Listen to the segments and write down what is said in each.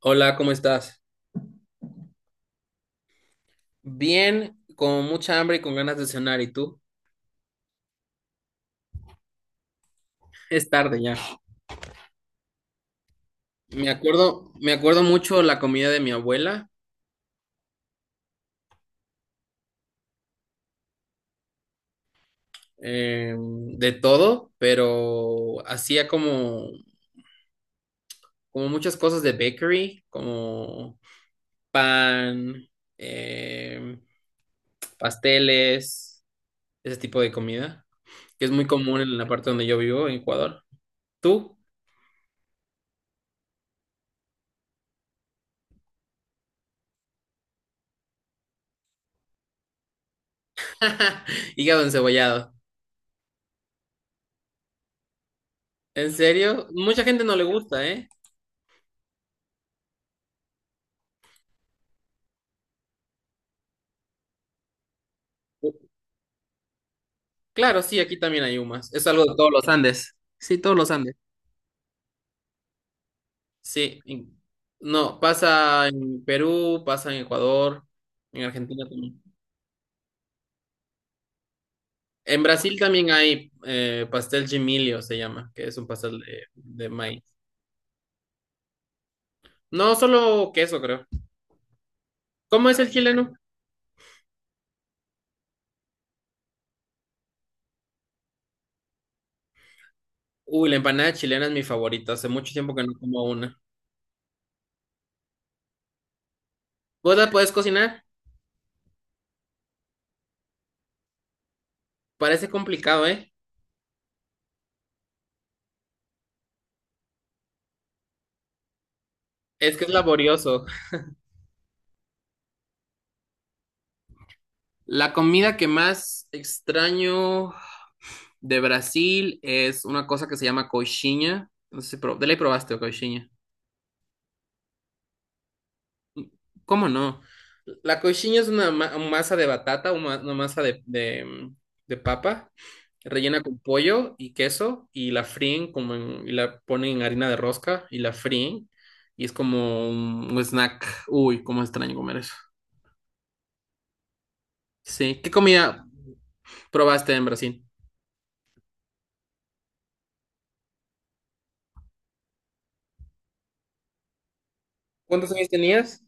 Hola, ¿cómo estás? Bien, con mucha hambre y con ganas de cenar, ¿y tú? Es tarde ya. Me acuerdo mucho la comida de mi abuela. De todo, pero hacía como, como muchas cosas de bakery, como pan, eh, pasteles, ese tipo de comida, que es muy común en la parte donde yo vivo, en Ecuador. ¿Tú? Hígado encebollado. ¿En serio? Mucha gente no le gusta, ¿eh? Claro, sí, aquí también hay humas. Es algo de todos los Andes. Sí, todos los Andes. Sí. No, pasa en Perú, pasa en Ecuador, en Argentina también. En Brasil también hay pastel gemilio, se llama, que es un pastel de maíz. No, solo queso, creo. ¿Cómo es el chileno? Uy, la empanada chilena es mi favorita. Hace mucho tiempo que no como una. ¿Vos la podés cocinar? Parece complicado, ¿eh? Es que es laborioso. La comida que más extraño. De Brasil es una cosa que se llama coxinha. No sé si de ley probaste coxinha. ¿Cómo no? La coxinha es una masa de batata, una masa de papa, rellena con pollo y queso y la fríen y la ponen en harina de rosca y la fríen, y es como un snack. Uy, cómo extraño comer eso. Sí, ¿qué comida probaste en Brasil? ¿Cuántos años tenías?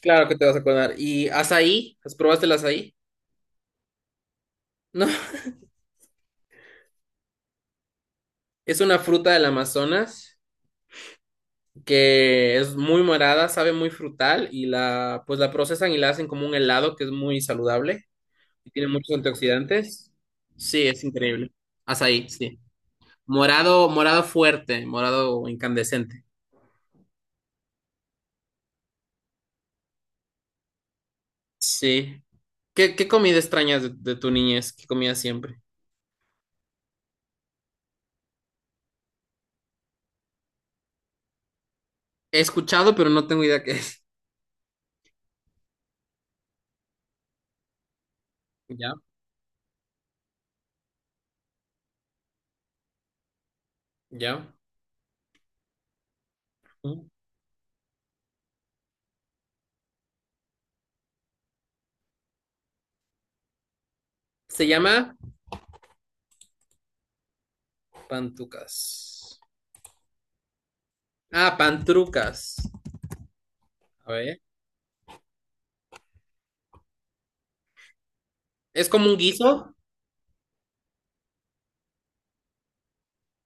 Claro que te vas a acordar. ¿Y azaí? ¿Has probaste el azaí? No. Es una fruta del Amazonas que es muy morada, sabe muy frutal y la procesan y la hacen como un helado que es muy saludable y tiene muchos antioxidantes. Sí, es increíble. Azaí, sí. Morado, morado fuerte, morado incandescente. Sí. ¿Qué comida extrañas de tu niñez? ¿Qué comías siempre? He escuchado, pero no tengo idea qué es. Ya, ya. Mm. Se llama pantucas. Ah, pantrucas. A ver. ¿Es como un guiso?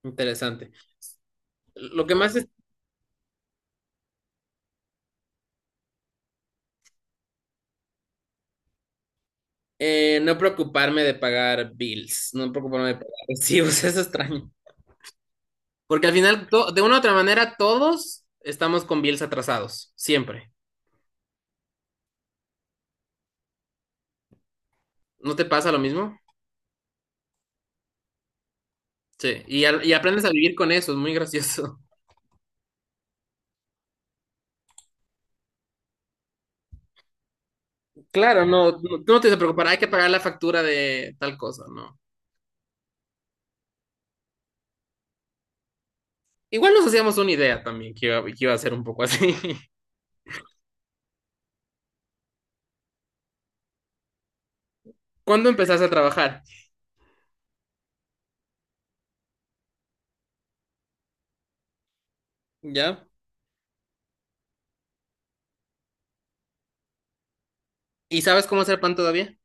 Interesante. Lo que más es no preocuparme de pagar bills, no preocuparme de pagar recibos, eso es extraño. Porque al final, de una u otra manera, todos estamos con bills atrasados, siempre. ¿No te pasa lo mismo? Sí, y aprendes a vivir con eso, es muy gracioso. Claro, no, tú no te tienes que preocupar, hay que pagar la factura de tal cosa, ¿no? Igual nos hacíamos una idea también que iba a ser un poco así. ¿Cuándo empezaste a trabajar? ¿Ya? ¿Y sabes cómo hacer pan todavía?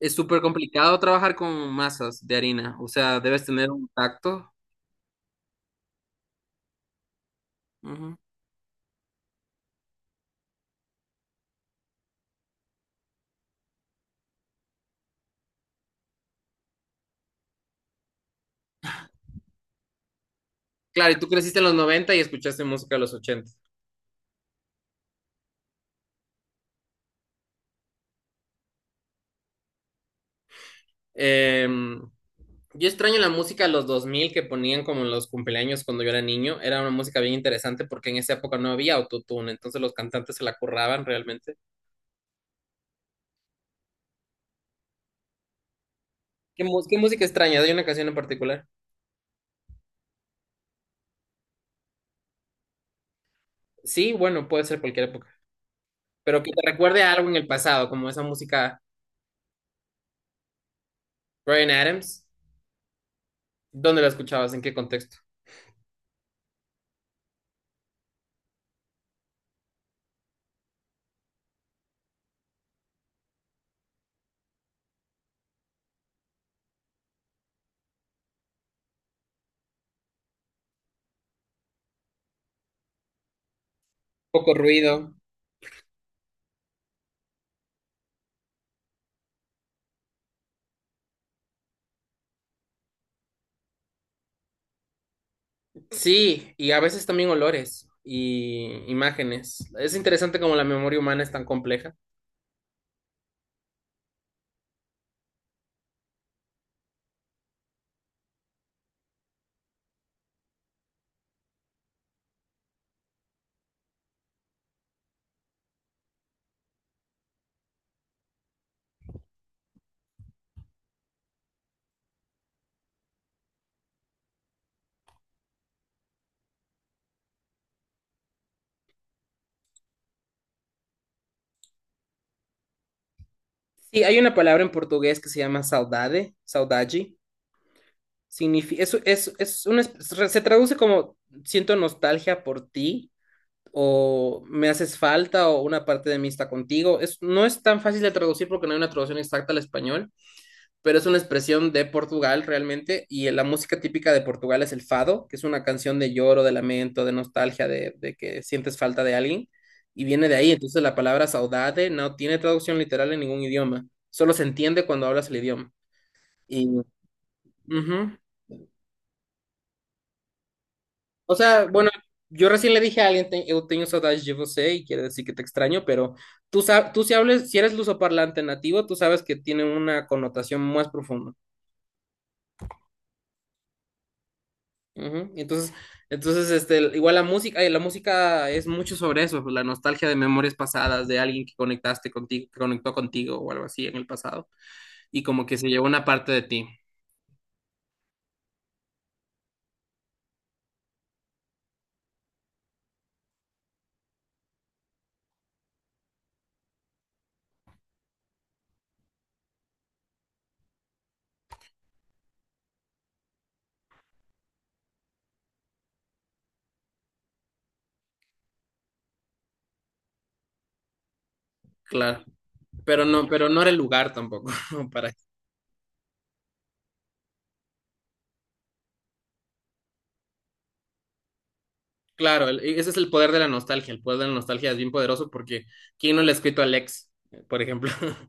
Es súper complicado trabajar con masas de harina, o sea, debes tener un tacto. Ujú. Claro, y tú creciste en los 90 y escuchaste música de los 80. Em, yo extraño la música de los 2000 que ponían como en los cumpleaños cuando yo era niño. Era una música bien interesante porque en esa época no había autotune, entonces los cantantes se la curraban realmente. ¿Qué música extraña? ¿Hay una canción en particular? Sí, bueno, puede ser cualquier época, pero que te recuerde a algo en el pasado, como esa música. Bryan Adams. ¿Dónde la escuchabas? ¿En qué contexto? Poco ruido. Sí, y a veces también olores y imágenes. Es interesante cómo la memoria humana es tan compleja. Sí, hay una palabra en portugués que se llama saudade, saudade. Significa, se traduce como siento nostalgia por ti o me haces falta o una parte de mí está contigo. Es, no es tan fácil de traducir porque no hay una traducción exacta al español, pero es una expresión de Portugal realmente, y la música típica de Portugal es el fado, que es una canción de lloro, de lamento, de nostalgia, de que sientes falta de alguien, y viene de ahí. Entonces, la palabra saudade no tiene traducción literal en ningún idioma, solo se entiende cuando hablas el idioma. Y, ujú. O sea, bueno, yo recién le dije a alguien, eu tenho saudades de você, y quiere decir que te extraño, pero tú si hables, si eres lusoparlante nativo, tú sabes que tiene una connotación más profunda. Ujú. Entonces este, igual la música es mucho sobre eso, pues, la nostalgia de memorias pasadas, de alguien que conectaste contigo, que conectó contigo o algo así en el pasado, y como que se llevó una parte de ti, claro, pero no era el lugar tampoco para. Claro, ese es el poder de la nostalgia, el poder de la nostalgia es bien poderoso porque ¿quién no le ha escrito al ex, por ejemplo?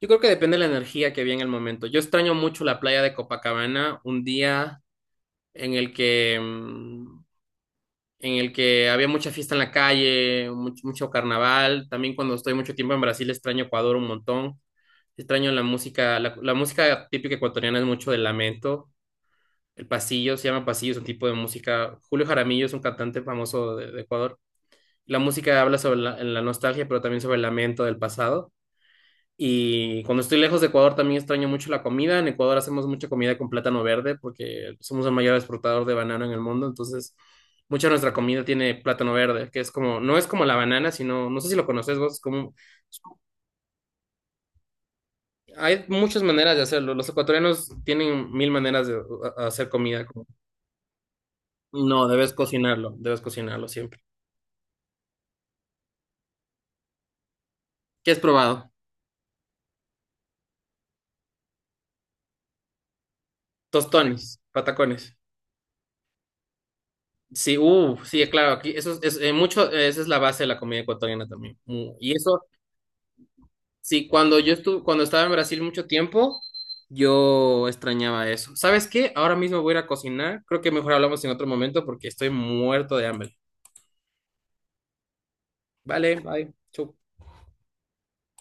Yo creo que depende de la energía que había en el momento. Yo extraño mucho la playa de Copacabana, un día en el que en el que había mucha fiesta en la calle, mucho, mucho carnaval. También cuando estoy mucho tiempo en Brasil extraño Ecuador un montón. Extraño la música, la música típica ecuatoriana es mucho del lamento. El pasillo, se llama pasillo, es un tipo de música. Julio Jaramillo es un cantante famoso de Ecuador. La música habla sobre la nostalgia, pero también sobre el lamento del pasado. Y cuando estoy lejos de Ecuador también extraño mucho la comida. En Ecuador hacemos mucha comida con plátano verde porque somos el mayor exportador de banano en el mundo. Entonces, mucha de nuestra comida tiene plátano verde, que es como, no es como la banana, sino, no sé si lo conoces vos, es como, hay muchas maneras de hacerlo. Los ecuatorianos tienen mil maneras de hacer comida. No, debes cocinarlo siempre. ¿Qué has probado? Tostones, patacones. Sí, sí, claro, aquí eso es, mucho, esa es la base de la comida ecuatoriana también. Y eso. Sí, cuando yo estuve, cuando estaba en Brasil mucho tiempo, yo extrañaba eso. ¿Sabes qué? Ahora mismo voy a ir a cocinar. Creo que mejor hablamos en otro momento porque estoy muerto de hambre. Vale, bye. Chau.